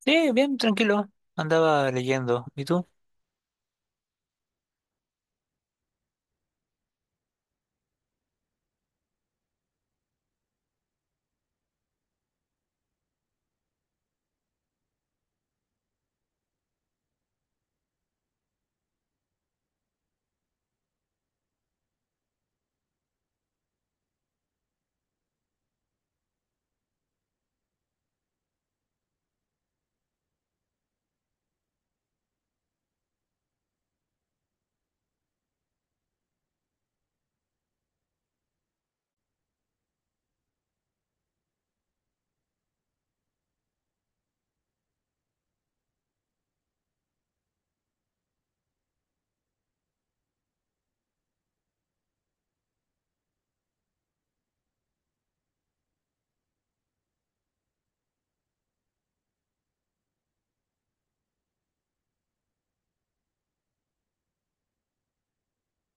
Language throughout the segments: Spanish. Sí, bien, tranquilo. Andaba leyendo. ¿Y tú?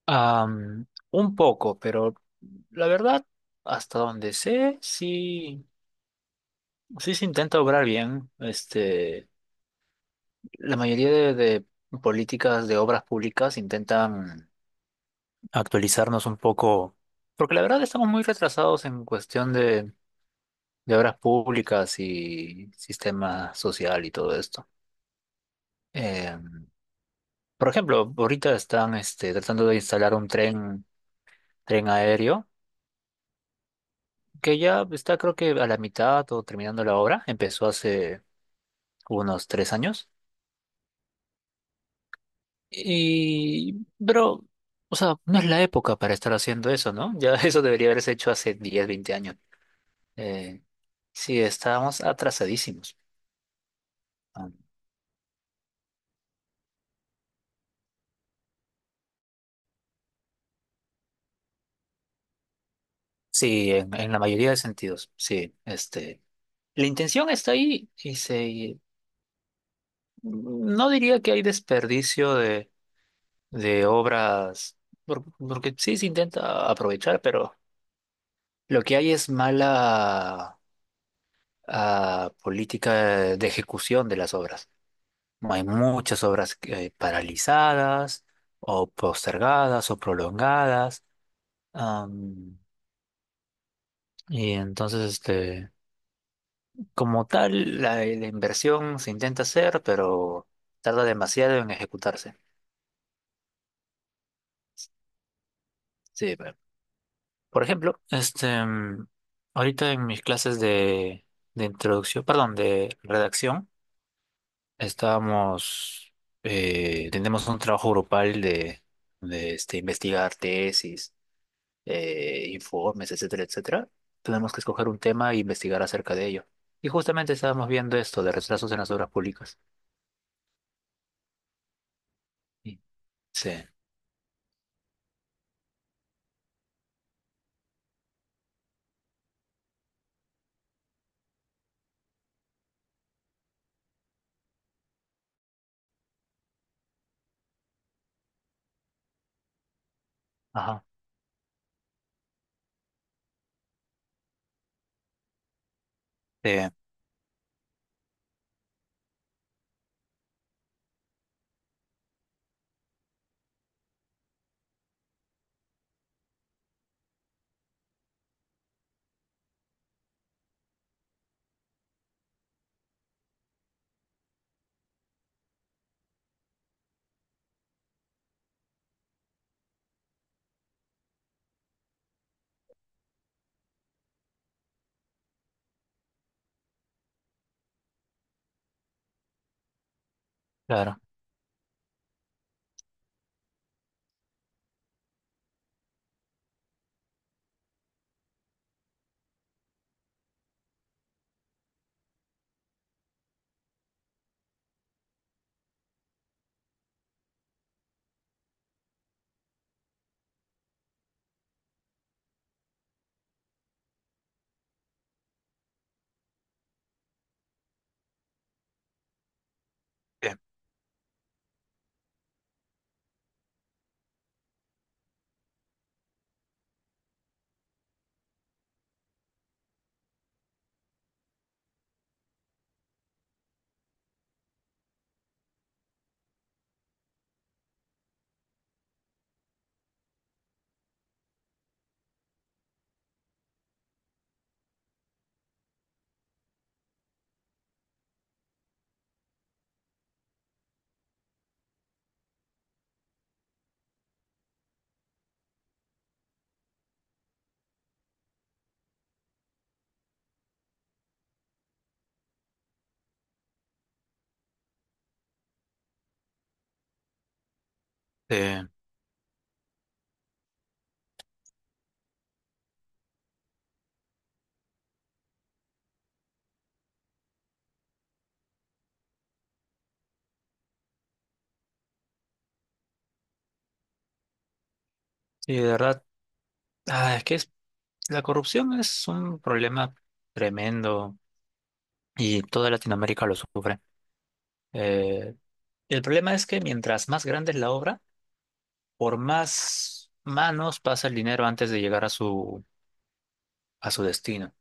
Am, un poco, pero la verdad, hasta donde sé, sí, sí se intenta obrar bien. La mayoría de políticas de obras públicas intentan actualizarnos un poco, porque la verdad estamos muy retrasados en cuestión de obras públicas y sistema social y todo esto. Em, por ejemplo, ahorita están tratando de instalar un tren, tren aéreo que ya está creo que a la mitad o terminando la obra, empezó hace unos 3 años. Y, pero, o sea, no es la época para estar haciendo eso, ¿no? Ya eso debería haberse hecho hace 10 20 años. Eh, sí, estábamos atrasadísimos. Ah, Sí, en la mayoría de sentidos, sí. La intención está ahí y, no diría que hay desperdicio de obras, porque sí se intenta aprovechar, pero... Lo que hay es mala política de ejecución de las obras. No hay muchas obras paralizadas o postergadas o prolongadas. am, y entonces, como tal, la inversión se intenta hacer, pero tarda demasiado en ejecutarse. Sí, pero- por ejemplo, ahorita en mis clases de introducción, perdón, de redacción, Estábamos, tenemos un trabajo grupal de, de investigar tesis, informes, etcétera, etcétera. Tenemos que escoger un tema e investigar acerca de ello. Y justamente estábamos viendo esto de retrasos en las obras públicas. Sí, sí, ajá, sí, claro. Sí, sí. Y de verdad, ah, es que es- la corrupción es un problema tremendo y toda Latinoamérica lo sufre. Eh, el problema es que mientras más grande es la obra, por más manos pasa el dinero antes de llegar a su destino.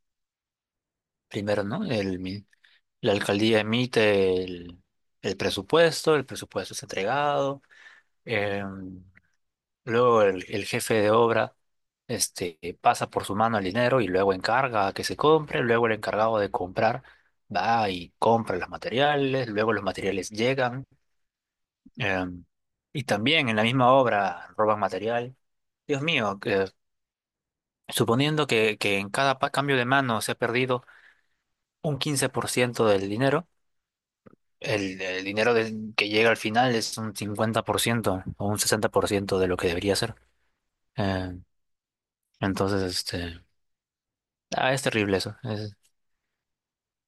Primero, ¿no? La alcaldía emite el presupuesto es entregado, eh, luego el jefe de obra pasa por su mano el dinero y luego encarga a que se compre, luego el encargado de comprar va y compra los materiales, luego los materiales llegan, eh, y también en la misma obra roban material. Dios mío, suponiendo que en cada cambio de mano se ha perdido un 15% del dinero, el dinero que llega al final es un 50% o un 60% de lo que debería ser. Eh, entonces, es terrible eso.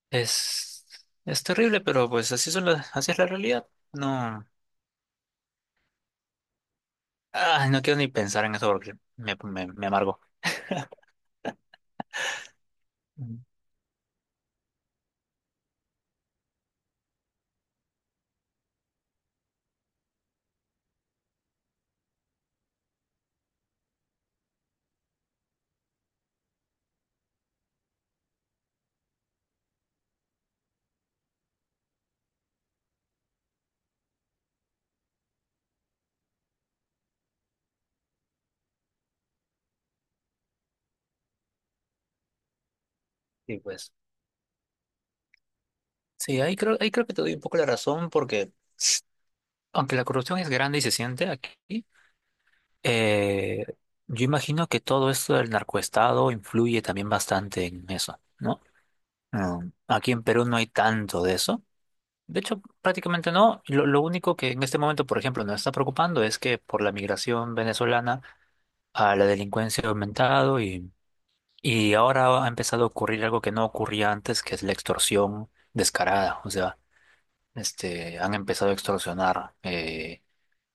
es, es terrible, pero pues así son así es la realidad. No, no quiero ni pensar en eso porque me amargo. Mm. Y pues, sí, ahí creo que te doy un poco la razón porque aunque la corrupción es grande y se siente aquí, Eh, yo imagino que todo esto del narcoestado influye también bastante en eso, ¿no? Aquí en Perú no hay tanto de eso. De hecho, prácticamente no. Lo único que en este momento, por ejemplo, nos está preocupando es que por la migración venezolana a la delincuencia ha aumentado y ahora ha empezado a ocurrir algo que no ocurría antes, que es la extorsión descarada. O sea, han empezado a extorsionar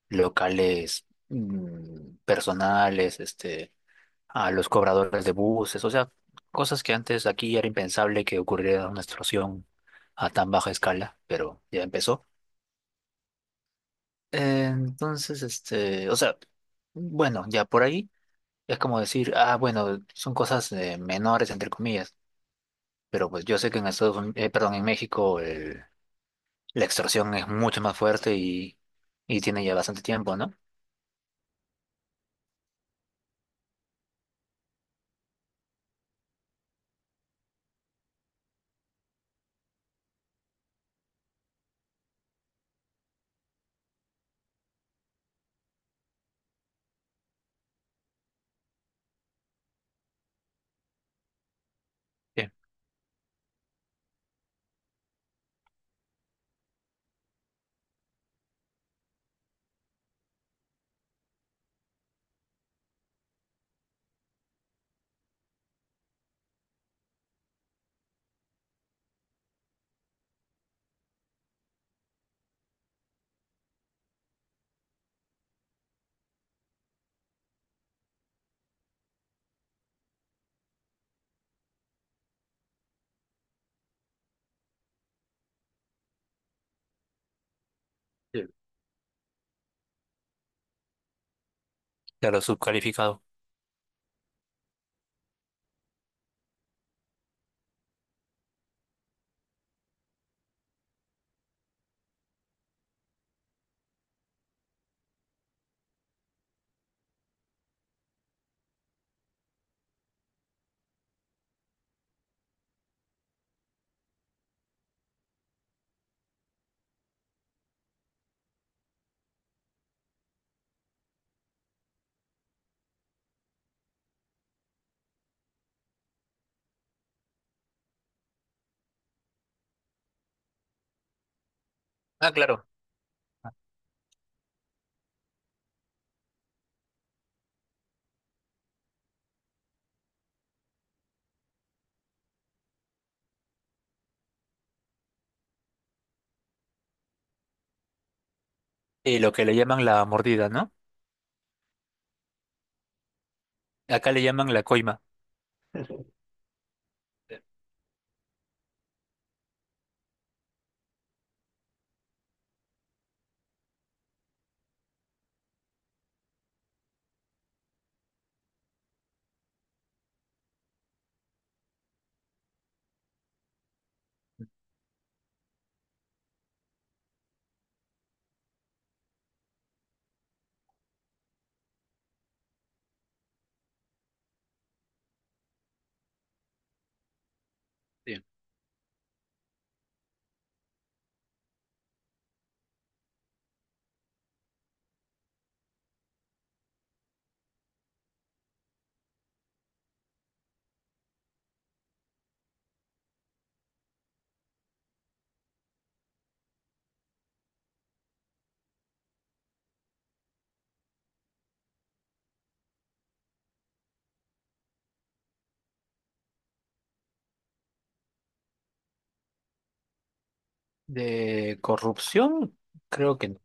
locales personales, a los cobradores de buses, o sea, cosas que antes aquí era impensable que ocurriera una extorsión a tan baja escala, pero ya empezó. Entonces, o sea, bueno, ya por ahí es como decir, ah, bueno, son cosas menores, entre comillas, pero pues yo sé que en Estados Unidos, perdón, en México la extorsión es mucho más fuerte y tiene ya bastante tiempo, ¿no? Sí, sí. Claro, subcalificado. Ah, claro. Y lo que le llaman la mordida, ¿no? Acá le llaman la coima. Sí. De corrupción, creo que no.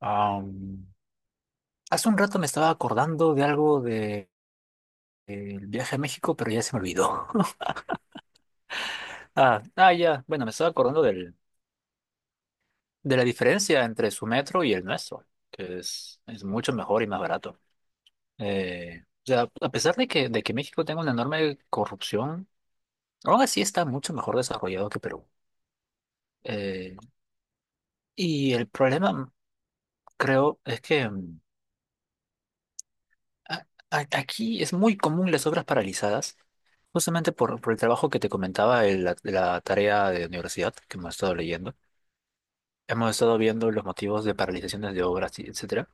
Am, hace un rato me estaba acordando de algo de, del viaje a México, pero ya se me olvidó. Ah, ah, ya. Bueno, me estaba acordando del, de la diferencia entre su metro y el nuestro, que es mucho mejor y más barato. O sea, a pesar de que México tenga una enorme corrupción, aún así está mucho mejor desarrollado que Perú. Eh, y el problema, creo, es que aquí es muy común las obras paralizadas, justamente por el trabajo que te comentaba de la tarea de universidad que hemos estado leyendo. Hemos estado viendo los motivos de paralizaciones de obras, y etcétera.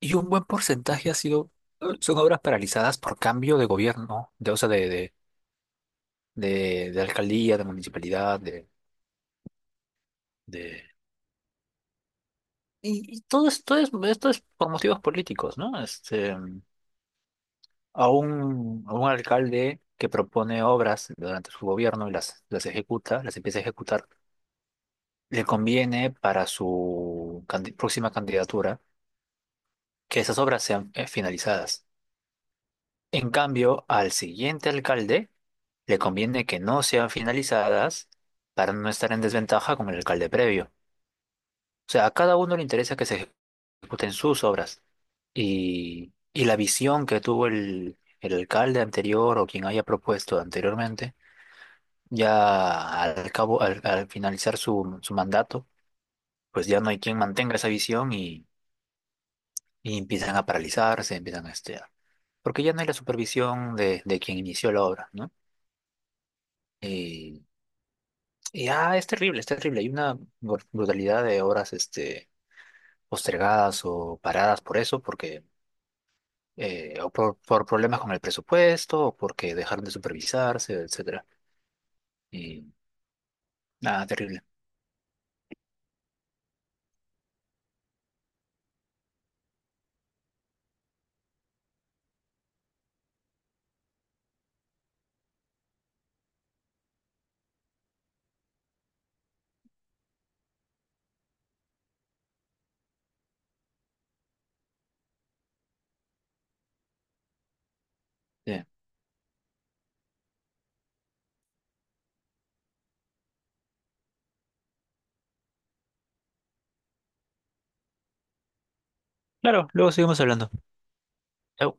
Y un buen porcentaje ha sido, son obras paralizadas por cambio de gobierno, de, o sea, de alcaldía, de municipalidad, de... Y, y todo esto es por motivos políticos, ¿no? A un alcalde que propone obras durante su gobierno y las ejecuta, las empieza a ejecutar, le conviene para su próxima candidatura que esas obras sean finalizadas. En cambio, al siguiente alcalde le conviene que no sean finalizadas para no estar en desventaja con el alcalde previo. O sea, a cada uno le interesa que se ejecuten sus obras y la visión que tuvo el alcalde anterior o quien haya propuesto anteriormente ya al cabo, al finalizar su, su mandato, pues ya no hay quien mantenga esa visión y empiezan a paralizarse, empiezan a porque ya no hay la supervisión de quien inició la obra, ¿no? Y, es terrible, es terrible. Hay una brutalidad de obras postergadas o paradas por eso, porque o por problemas con el presupuesto, o porque dejaron de supervisarse, etcétera. Y nada, terrible. Bien. Claro, luego seguimos hablando. Chau.